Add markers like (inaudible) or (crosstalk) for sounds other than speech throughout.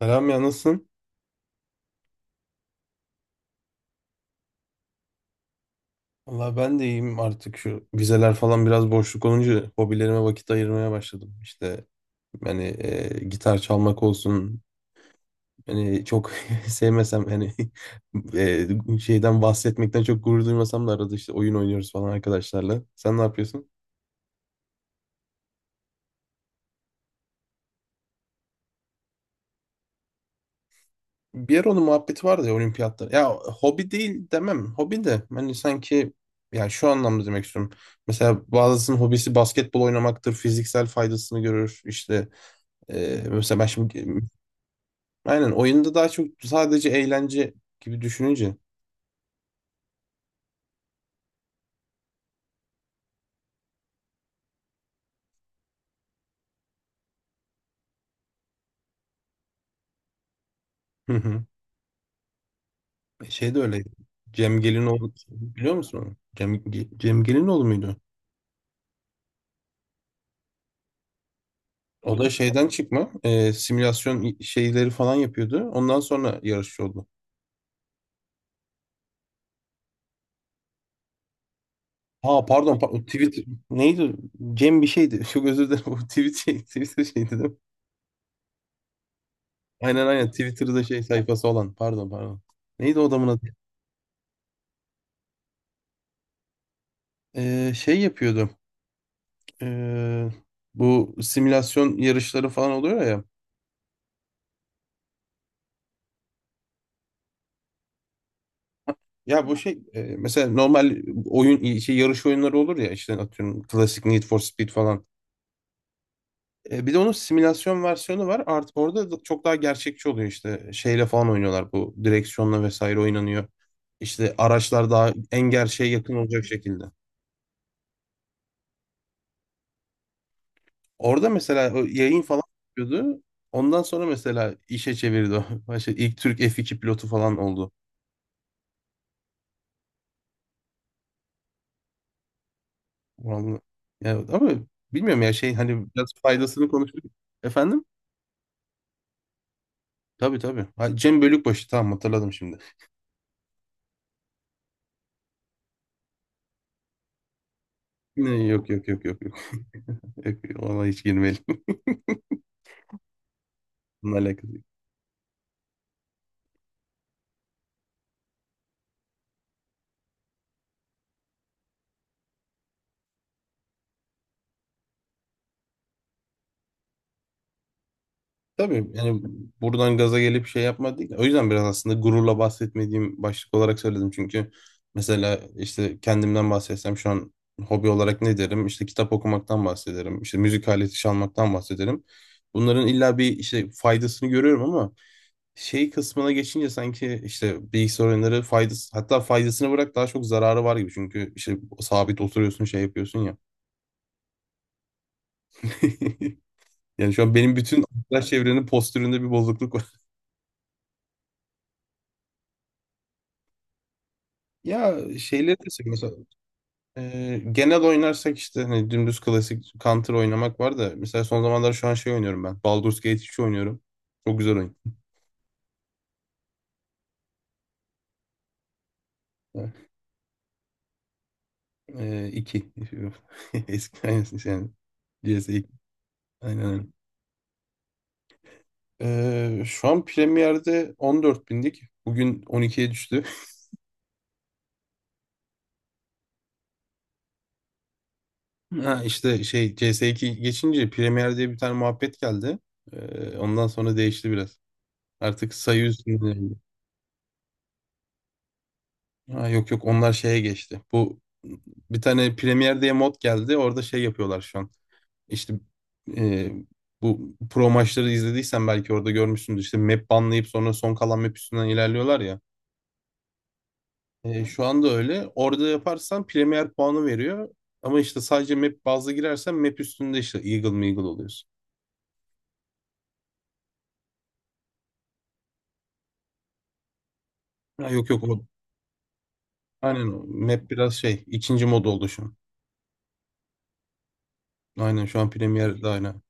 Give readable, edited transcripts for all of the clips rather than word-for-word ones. Selam ya, nasılsın? Valla ben de iyiyim, artık şu vizeler falan biraz boşluk olunca hobilerime vakit ayırmaya başladım. İşte yani gitar çalmak olsun. Yani çok (laughs) sevmesem hani (laughs) şeyden bahsetmekten çok gurur duymasam da arada işte oyun oynuyoruz falan arkadaşlarla. Sen ne yapıyorsun? Bir ara onun muhabbeti vardı ya, olimpiyatlar. Ya hobi değil demem, hobi de hani sanki yani şu anlamda demek istiyorum. Mesela bazısının hobisi basketbol oynamaktır, fiziksel faydasını görür. İşte mesela ben şimdi aynen oyunda daha çok sadece eğlence gibi düşününce. Hı hı. Şey de öyle. Cem Gelinoğlu, biliyor musun onu? Cem, Cem Gelinoğlu muydu? O da şeyden çıkma simülasyon şeyleri falan yapıyordu. Ondan sonra yarışçı oldu. Ha pardon, o tweet neydi? Cem bir şeydi. (laughs) Çok özür dilerim. O tweet şey, Twitter şeydi değil mi? Aynen aynen, Twitter'da şey sayfası olan. Pardon pardon. Neydi o adamın adı? Şey yapıyordu. Ee, bu simülasyon yarışları falan oluyor ya. Ya bu şey mesela normal oyun şey yarış oyunları olur ya, işte atıyorum klasik Need for Speed falan. E, bir de onun simülasyon versiyonu var. Artık orada da çok daha gerçekçi oluyor, işte şeyle falan oynuyorlar, bu direksiyonla vesaire oynanıyor. İşte araçlar daha en gerçeğe yakın olacak şekilde. Orada mesela o yayın falan yapıyordu. Ondan sonra mesela işe çevirdi o. (laughs) İşte ilk Türk F2 pilotu falan oldu. Vallahi. Ya, ama bilmiyorum ya şey, hani biraz faydasını konuştuk. Efendim? Tabii tabii. Ha, Cem Bölükbaşı, tamam hatırladım şimdi. (laughs) Ne, yok yok yok yok yok. Yok, ona hiç girmeyelim. (laughs) Bununla alakası yok. Tabii yani buradan gaza gelip şey yapmadık. O yüzden biraz aslında gururla bahsetmediğim başlık olarak söyledim. Çünkü mesela işte kendimden bahsetsem şu an hobi olarak ne derim? İşte kitap okumaktan bahsederim. İşte müzik aleti çalmaktan bahsederim. Bunların illa bir işte faydasını görüyorum ama şey kısmına geçince sanki işte bilgisayar oyunları faydası, hatta faydasını bırak, daha çok zararı var gibi. Çünkü işte sabit oturuyorsun, şey yapıyorsun ya. (laughs) Yani şu an benim bütün arkadaş çevrenin postüründe bir bozukluk var. (laughs) Ya şeyleri de seviyorum. Mesela genel oynarsak işte hani dümdüz klasik Counter oynamak var da, mesela son zamanlar şu an şey oynuyorum ben. Baldur's Gate 3 oynuyorum. Çok güzel oyun. Evet. 2. (laughs) Eski aynısı yani. CS 2. Aynen öyle. Şu an Premier'de 14 bindik. Bugün 12'ye düştü. (laughs) Ha, işte şey CS2 geçince Premier diye bir tane muhabbet geldi. Ondan sonra değişti biraz. Artık sayı üstünde değil. Ha, yok yok, onlar şeye geçti. Bu bir tane Premier diye mod geldi. Orada şey yapıyorlar şu an. İşte e, bu pro maçları izlediysen belki orada görmüşsündür. İşte map banlayıp sonra son kalan map üstünden ilerliyorlar ya. E, şu anda öyle. Orada yaparsan Premier puanı veriyor. Ama işte sadece map bazlı girersen map üstünde işte Eagle Meagle oluyorsun. Ha, yok yok o. Aynen o. Map biraz şey, ikinci mod oldu şu an. Aynen şu an Premier'de aynen.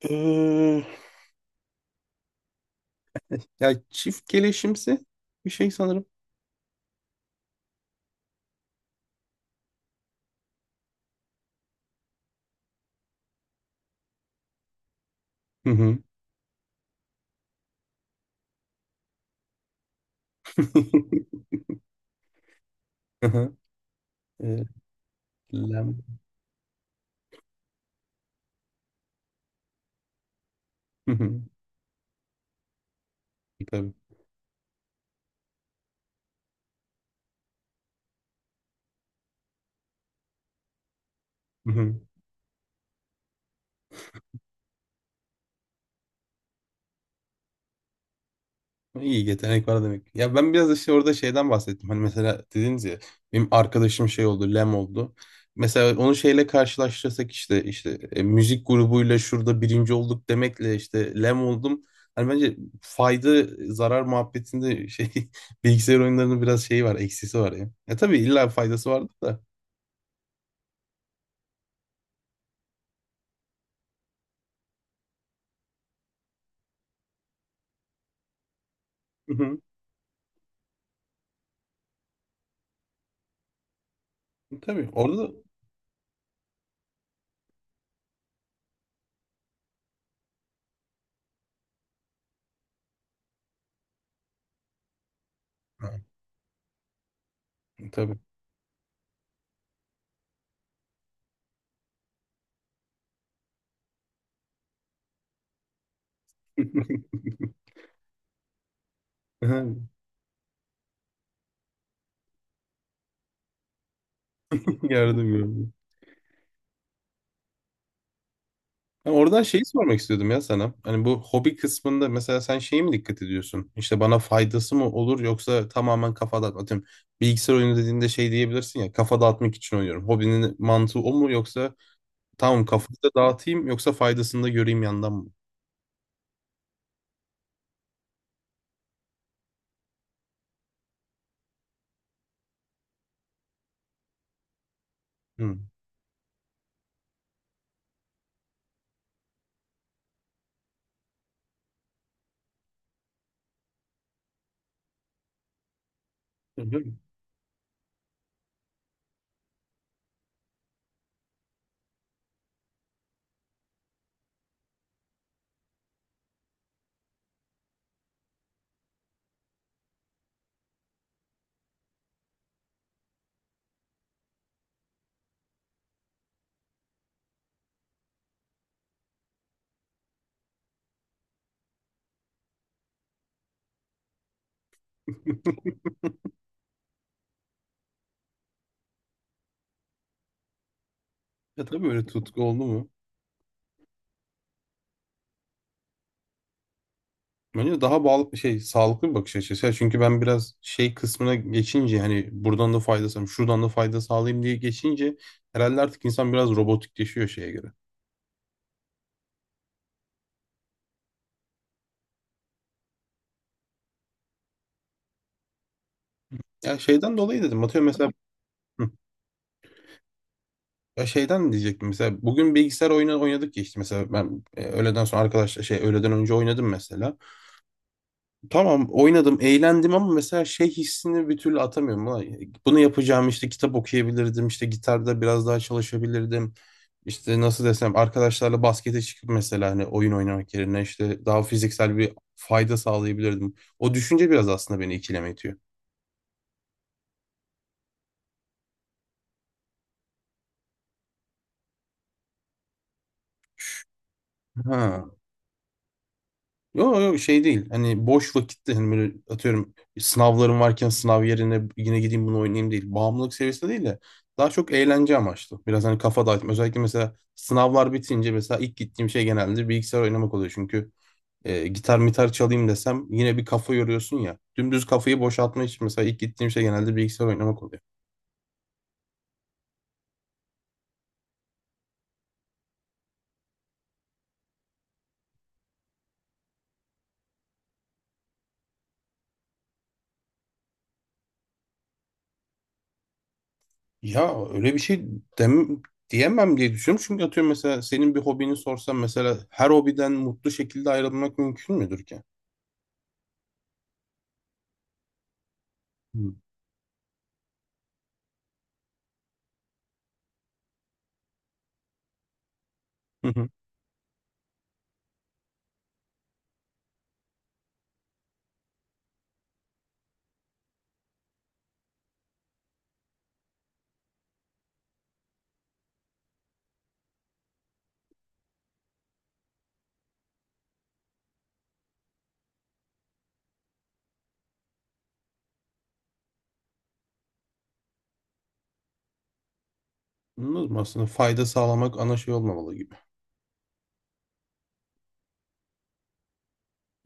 Ee, ya çift keleşimsi bir şey sanırım. Hı hı. (laughs) Hı hı. Ee, lem. Hı hı. Tabii. Hı hı. İyi yetenek var demek. Ya ben biraz işte orada şeyden bahsettim. Hani mesela dediniz ya, benim arkadaşım şey oldu, Lem oldu. Mesela onu şeyle karşılaştırsak işte müzik grubuyla şurada birinci olduk demekle işte Lem oldum. Hani bence fayda zarar muhabbetinde şey (laughs) bilgisayar oyunlarının biraz şeyi var, eksisi var ya. Ya tabii illa faydası vardır da. Hı hı. Tabii orada tabii. (laughs) Yardım gördüm. Yani oradan şeyi sormak istiyordum ya sana. Hani bu hobi kısmında mesela sen şeye mi dikkat ediyorsun? İşte bana faydası mı olur, yoksa tamamen kafa dağıtmak? Atıyorum, bilgisayar oyunu dediğinde şey diyebilirsin ya, kafa dağıtmak için oynuyorum. Hobinin mantığı o mu, yoksa tamam kafayı da dağıtayım yoksa faydasını da göreyim yandan mı? Hı. Öyle. Ya tabii öyle tutku oldu mu? Bence daha bağlı şey, sağlıklı bir bakış açısı. Ya çünkü ben biraz şey kısmına geçince hani buradan da fayda sağlayayım, şuradan da fayda sağlayayım diye geçince herhalde artık insan biraz robotikleşiyor şeye göre. Ya şeyden dolayı dedim. Atıyorum mesela. Hı. Ya şeyden diyecektim. Mesela bugün bilgisayar oyunu oynadık ya, işte mesela ben öğleden sonra arkadaşlar şey öğleden önce oynadım mesela. Tamam oynadım, eğlendim ama mesela şey hissini bir türlü atamıyorum. Ulan bunu yapacağım işte, kitap okuyabilirdim, işte gitarda biraz daha çalışabilirdim. İşte nasıl desem, arkadaşlarla baskete çıkıp mesela, hani oyun oynamak yerine işte daha fiziksel bir fayda sağlayabilirdim. O düşünce biraz aslında beni ikileme itiyor. Ha. Yok yok şey değil. Hani boş vakitte hani böyle atıyorum, sınavlarım varken sınav yerine yine gideyim bunu oynayayım değil. Bağımlılık seviyesinde değil de daha çok eğlence amaçlı. Biraz hani kafa dağıtma. Özellikle mesela sınavlar bitince mesela ilk gittiğim şey genelde bilgisayar oynamak oluyor. Çünkü gitar mitar çalayım desem yine bir kafa yoruyorsun ya. Dümdüz kafayı boşaltma için mesela ilk gittiğim şey genelde bilgisayar oynamak oluyor. Ya öyle bir şey dem diyemem diye düşünüyorum. Çünkü atıyorum mesela senin bir hobini sorsam, mesela her hobiden mutlu şekilde ayrılmak mümkün müdür ki? Hı hı. Anladım. Aslında fayda sağlamak ana şey olmamalı gibi.